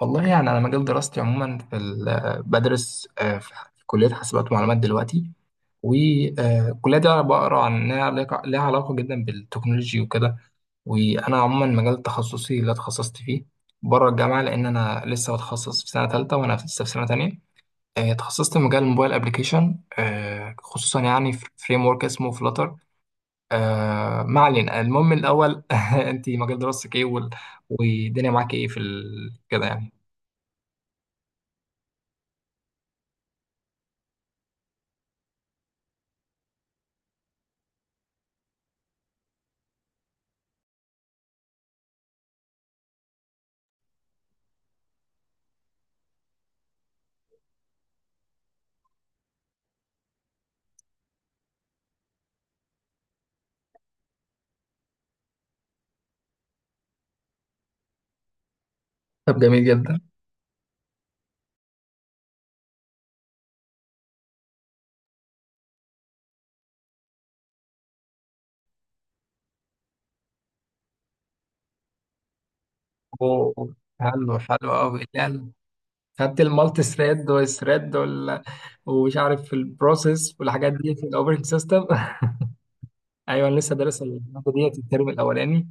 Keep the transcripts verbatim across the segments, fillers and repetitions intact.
والله يعني أنا مجال دراستي عموما في ال- بدرس آه، في ح- في كلية حاسبات ومعلومات دلوقتي. والكلية دي أنا بقرا عن إنها ليك- ليها علاقة جدا بالتكنولوجي وكده. وأنا عموما مجال تخصصي اللي اتخصصت فيه بره الجامعة، لأن أنا لسه بتخصص في سنة تالتة وأنا لسه في سنة تانية. آه، اتخصصت في مجال الموبايل أبليكيشن، آه، خصوصا يعني في فريم ورك اسمه فلاتر. ما علينا، المهم الأول أنت مجال دراستك إيه وال- والدنيا معاك إيه في ال- كده يعني؟ طب جميل جدا. أوه، حلو حلو قوي يعني. خدت المالتي ثريد والثريد وال... ومش عارف البروسيس والحاجات دي في الاوبريتنج سيستم ايوه، انا لسه دارس الماده ديت الترم الاولاني،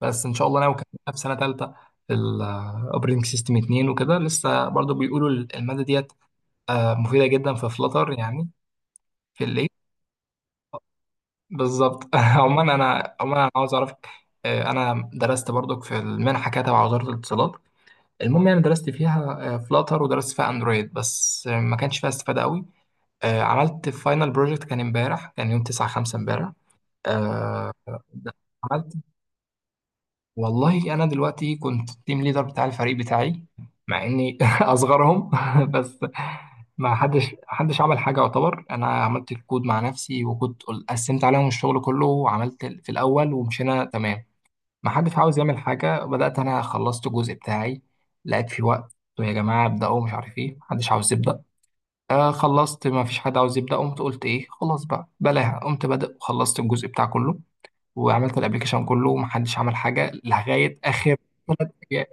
بس ان شاء الله ناوي اكملها في سنه ثالثه. الاوبريتنج سيستم اتنين وكده، لسه برضو بيقولوا الماده ديت آه، مفيده جدا في فلتر يعني، في الليل. بالظبط عموما انا، عموما انا عاوز اعرفك، آه، انا درست برضك في المنحه كده تبع وزاره الاتصالات. المهم يعني درست فيها فلاتر ودرست فيها اندرويد، بس آه، ما كانش فيها استفادة قوي. آه، عملت فاينل بروجكت كان امبارح، كان يوم تسعة خمسة امبارح. آه، ده عملت، والله انا دلوقتي كنت التيم ليدر بتاع الفريق بتاعي، مع اني اصغرهم بس ما حدش حدش عمل حاجه يعتبر. انا عملت الكود مع نفسي، وكنت قل- قسمت عليهم الشغل كله وعملت ال- في الاول ومشينا تمام. ما حدش عاوز يعمل حاجة. بدأت أنا، خلصت الجزء بتاعي، لقيت في وقت قلت يا جماعة ابدأوا، مش عارف إيه، محدش عاوز يبدأ. آه خلصت، ما فيش حد عاوز يبدأ، قمت قلت إيه خلاص بقى بلاها، قمت بدأ وخلصت الجزء بتاع كله، وعملت الأبليكيشن كله ومحدش عمل حاجة لغاية آخر ثلاث أيام.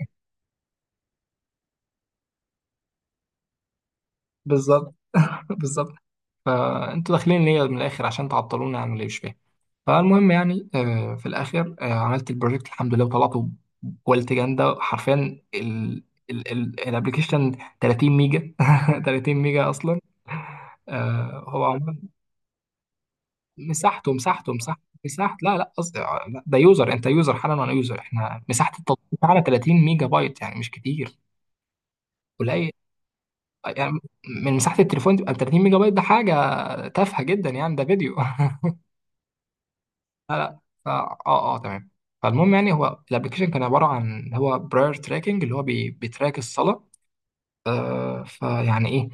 بالظبط بالظبط. فانتوا داخلين ليا من الاخر عشان تعطلونا عن اللي مش فاهم. فالمهم يعني، آه، في الاخر آه، عملت البروجكت الحمد لله وطلعته بكواليتي جامده حرفيا. ال- ال- ال- الابلكيشن ثلاثين ميجا ثلاثين ميجا اصلا. آه، هو عمال مساحته مساحته مساحته مساحة، لا لا قصدي آه، لا، ده يوزر، انت يوزر حالا وانا يوزر، احنا مساحة التطبيق على ثلاثين ميجا بايت يعني مش كتير، قليل يعني. من مساحة التليفون تبقى ثلاثين ميجا بايت، ده حاجة تافهة جدا يعني، ده فيديو لا لا، فا اه اه تمام. فالمهم يعني، هو الابلكيشن كان عباره عن، هو براير تراكنج اللي هو بي بيتراك الصلاه. آه فيعني ايه،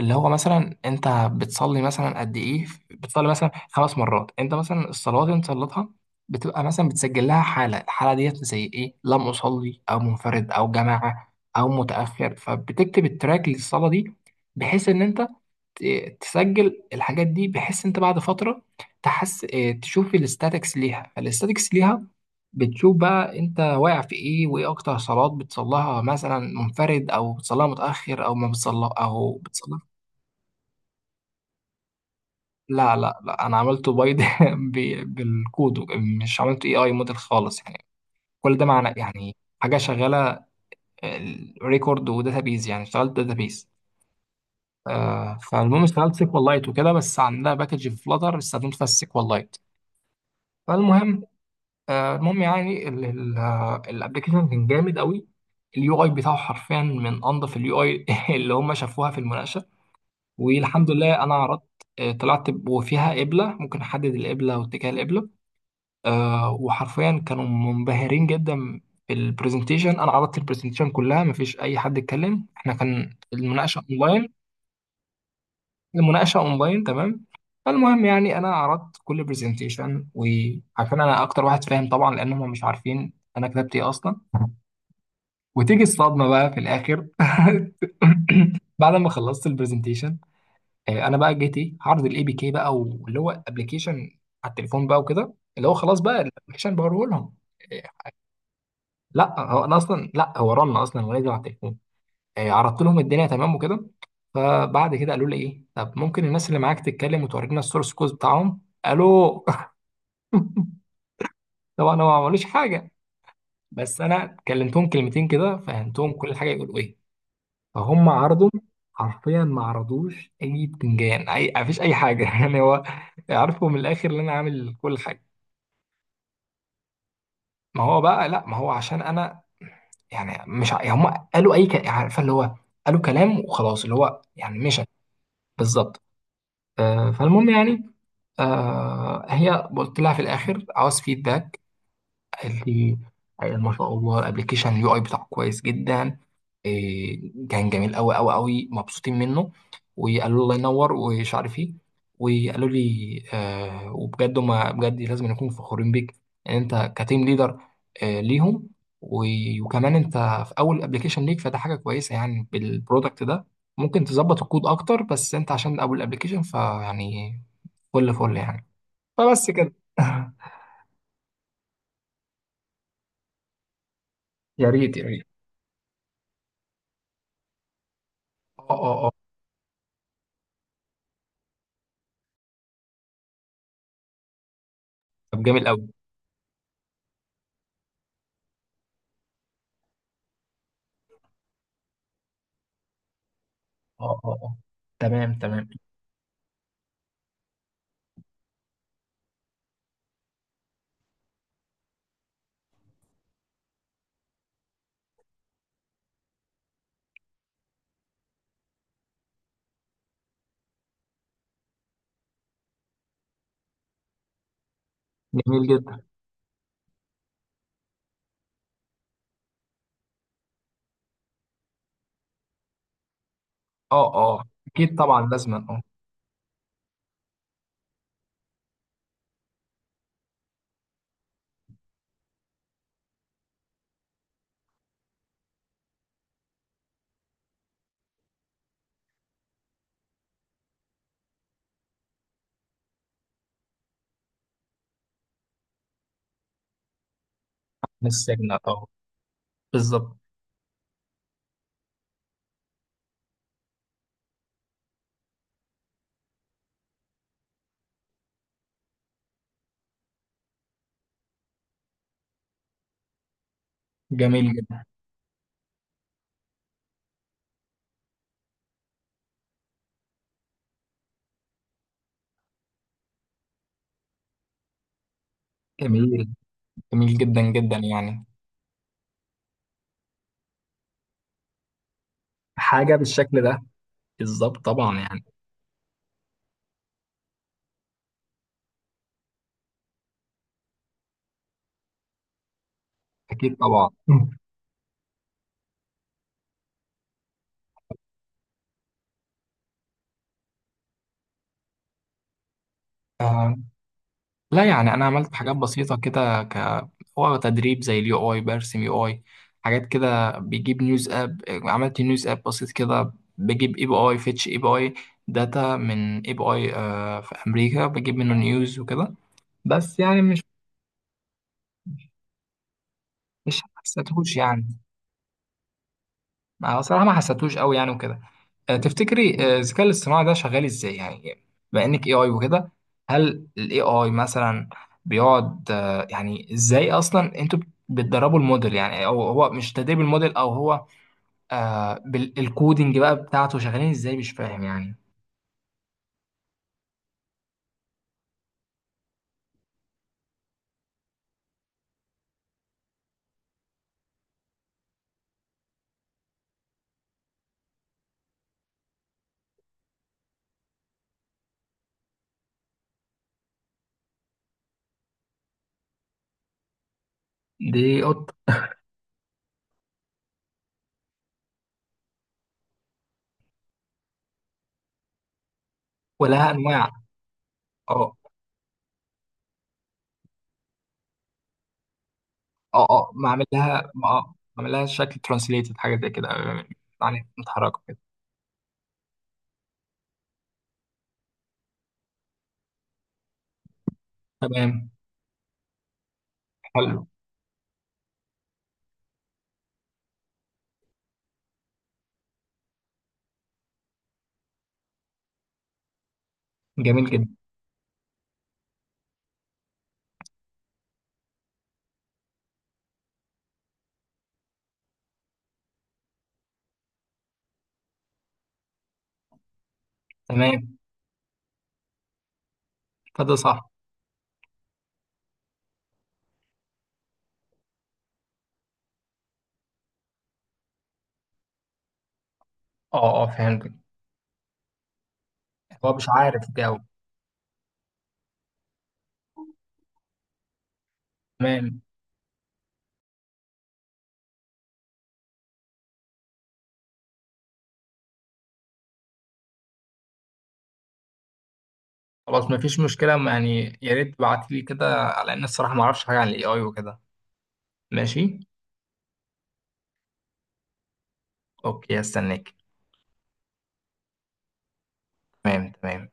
اللي هو مثلا انت بتصلي مثلا قد ايه، بتصلي مثلا خمس مرات، انت مثلا الصلاه اللي انت صليتها بتبقى مثلا بتسجل لها حاله، الحاله ديت زي ايه، لم اصلي او منفرد او جماعه او متاخر، فبتكتب التراك للصلاه دي، بحيث ان انت ت- تسجل الحاجات دي، بحيث انت بعد فتره تحس، اه، تشوف الاستاتكس ليها. فالاستاتكس ليها بتشوف بقى انت واقع في ايه، وايه اكتر صلوات بتصليها، مثلا منفرد او بتصليها متاخر او ما بتصلي او بتصلي. لا لا لا، انا عملته بايد ب- بالكود. مش عملته اي اي موديل خالص يعني. كل ده معنى يعني حاجه شغاله، ريكورد وداتابيز. يعني اشتغلت داتابيز. آه فالمهم اشتغلت سيكوال لايت وكده، بس عندنا باكج في فلاتر استخدمت فيها السيكوال لايت. فالمهم آه، المهم يعني الابلكيشن كان جامد قوي. اليو اي بتاعه حرفيا من انظف اليو اي اللي هم شافوها في المناقشه. والحمد لله انا عرضت. آه، طلعت ب- وفيها قبله، ممكن احدد القبله واتجاه القبله. آه، وحرفيا كانوا منبهرين جدا بالبرزنتيشن. انا عرضت البرزنتيشن كلها، مفيش اي حد اتكلم، احنا كان المناقشه المناقشه اونلاين تمام. فالمهم يعني انا عرضت كل برزنتيشن، وعشان انا اكتر واحد فاهم طبعا، لان هم مش عارفين انا كتبت ايه اصلا. وتيجي الصدمه بقى في الاخر بعد ما خلصت البرزنتيشن. آه، انا بقى جيت ايه، هعرض الاي بي كي بقى، واللي هو ابلكيشن على التليفون بقى وكده، اللي هو خلاص بقى الابلكيشن بوريه لهم. إيه، لا هو انا اصلا، لا هو رن اصلا ونزل على التليفون. آه، عرضت لهم الدنيا تمام وكده. فبعد كده قالوا لي ايه، طب ممكن الناس اللي معاك تتكلم وتورينا السورس كود بتاعهم، الو طبعا هو ما عملوش حاجه، بس انا كلمتهم كلمتين كده، فهمتهم كل حاجه يقولوا ايه. فهم عرضوا حرفيا، ما عرضوش اي بتنجان، اي مفيش اي حاجه يعني. هو عارفوا من الاخر ان انا عامل كل حاجه. ما هو بقى، لا ما هو عشان انا، يعني مش ع- يعني هم قالوا اي ك... عارفه اللي هو قالوا كلام وخلاص، اللي هو يعني مشى. بالظبط. آه، فالمهم يعني، آه، هي قلت لها في الاخر عاوز فيدباك، قال لي أيوة ما شاء الله الابلكيشن اليو اي بتاعه كويس جدا. إيه، كان جميل قوي قوي قوي، مبسوطين منه. وقالوا لي الله ينور ومش عارف ايه، وقالوا لي آه، وبجد ما بجد لازم نكون فخورين بيك ان انت كتيم ليدر آه ليهم. و- وكمان انت في اول ابلكيشن ليك، فده حاجه كويسه يعني. بالبرودكت ده ممكن تظبط الكود اكتر، بس انت عشان اول ابلكيشن فيعني فل فل يعني. فبس كده يا ريت يا ريت. اه اه، آه. طب جميل قوي. اه اه اه، تمام تمام. جميل جدا. اه اه اكيد طبعا لازما، اه. من السجن، اه. بالظبط. جميل جدا. جميل، جميل جدا جدا يعني. حاجه بالشكل ده، بالظبط طبعا يعني. اكيد طبعا مم. آه لا يعني انا عملت حاجات بسيطه كده، ك هو تدريب زي اليو اي، برسم يو اي حاجات كده، بيجيب نيوز اب. عملت نيوز اب بسيط كده، بجيب اي بي اي، فيتش اي بي اي داتا من اي بي اي آه في امريكا، بجيب منه نيوز وكده، بس يعني مش مش حسيتهوش يعني. أنا صراحة ما حسيتهوش قوي يعني وكده. آه، تفتكري آه، الذكاء الاصطناعي ده شغال ازاي يعني، بما انك اي اي وكده؟ هل الاي اي مثلا بيقعد آه، يعني ازاي اصلا انتوا بتدربوا الموديل، يعني او هو مش تدريب الموديل او هو آه بالكودينج بقى بتاعته، شغالين ازاي مش فاهم يعني؟ دي قط. ولها انواع. اه اه اه، معمل لها، اه معمل لها شكل ترانسليتد، حاجه زي كده آه، يعني متحركه كده. تمام. حلو. جميل جدا. تمام. فده صح. اه اه فهمتك. هو مش عارف يجاوب. تمام. خلاص مفيش مشكلة، يعني يا ريت تبعت لي كده، على ان الصراحة ما اعرفش حاجة عن الاي اي وكده. ماشي. اوكي، هستناك. تمام تمام.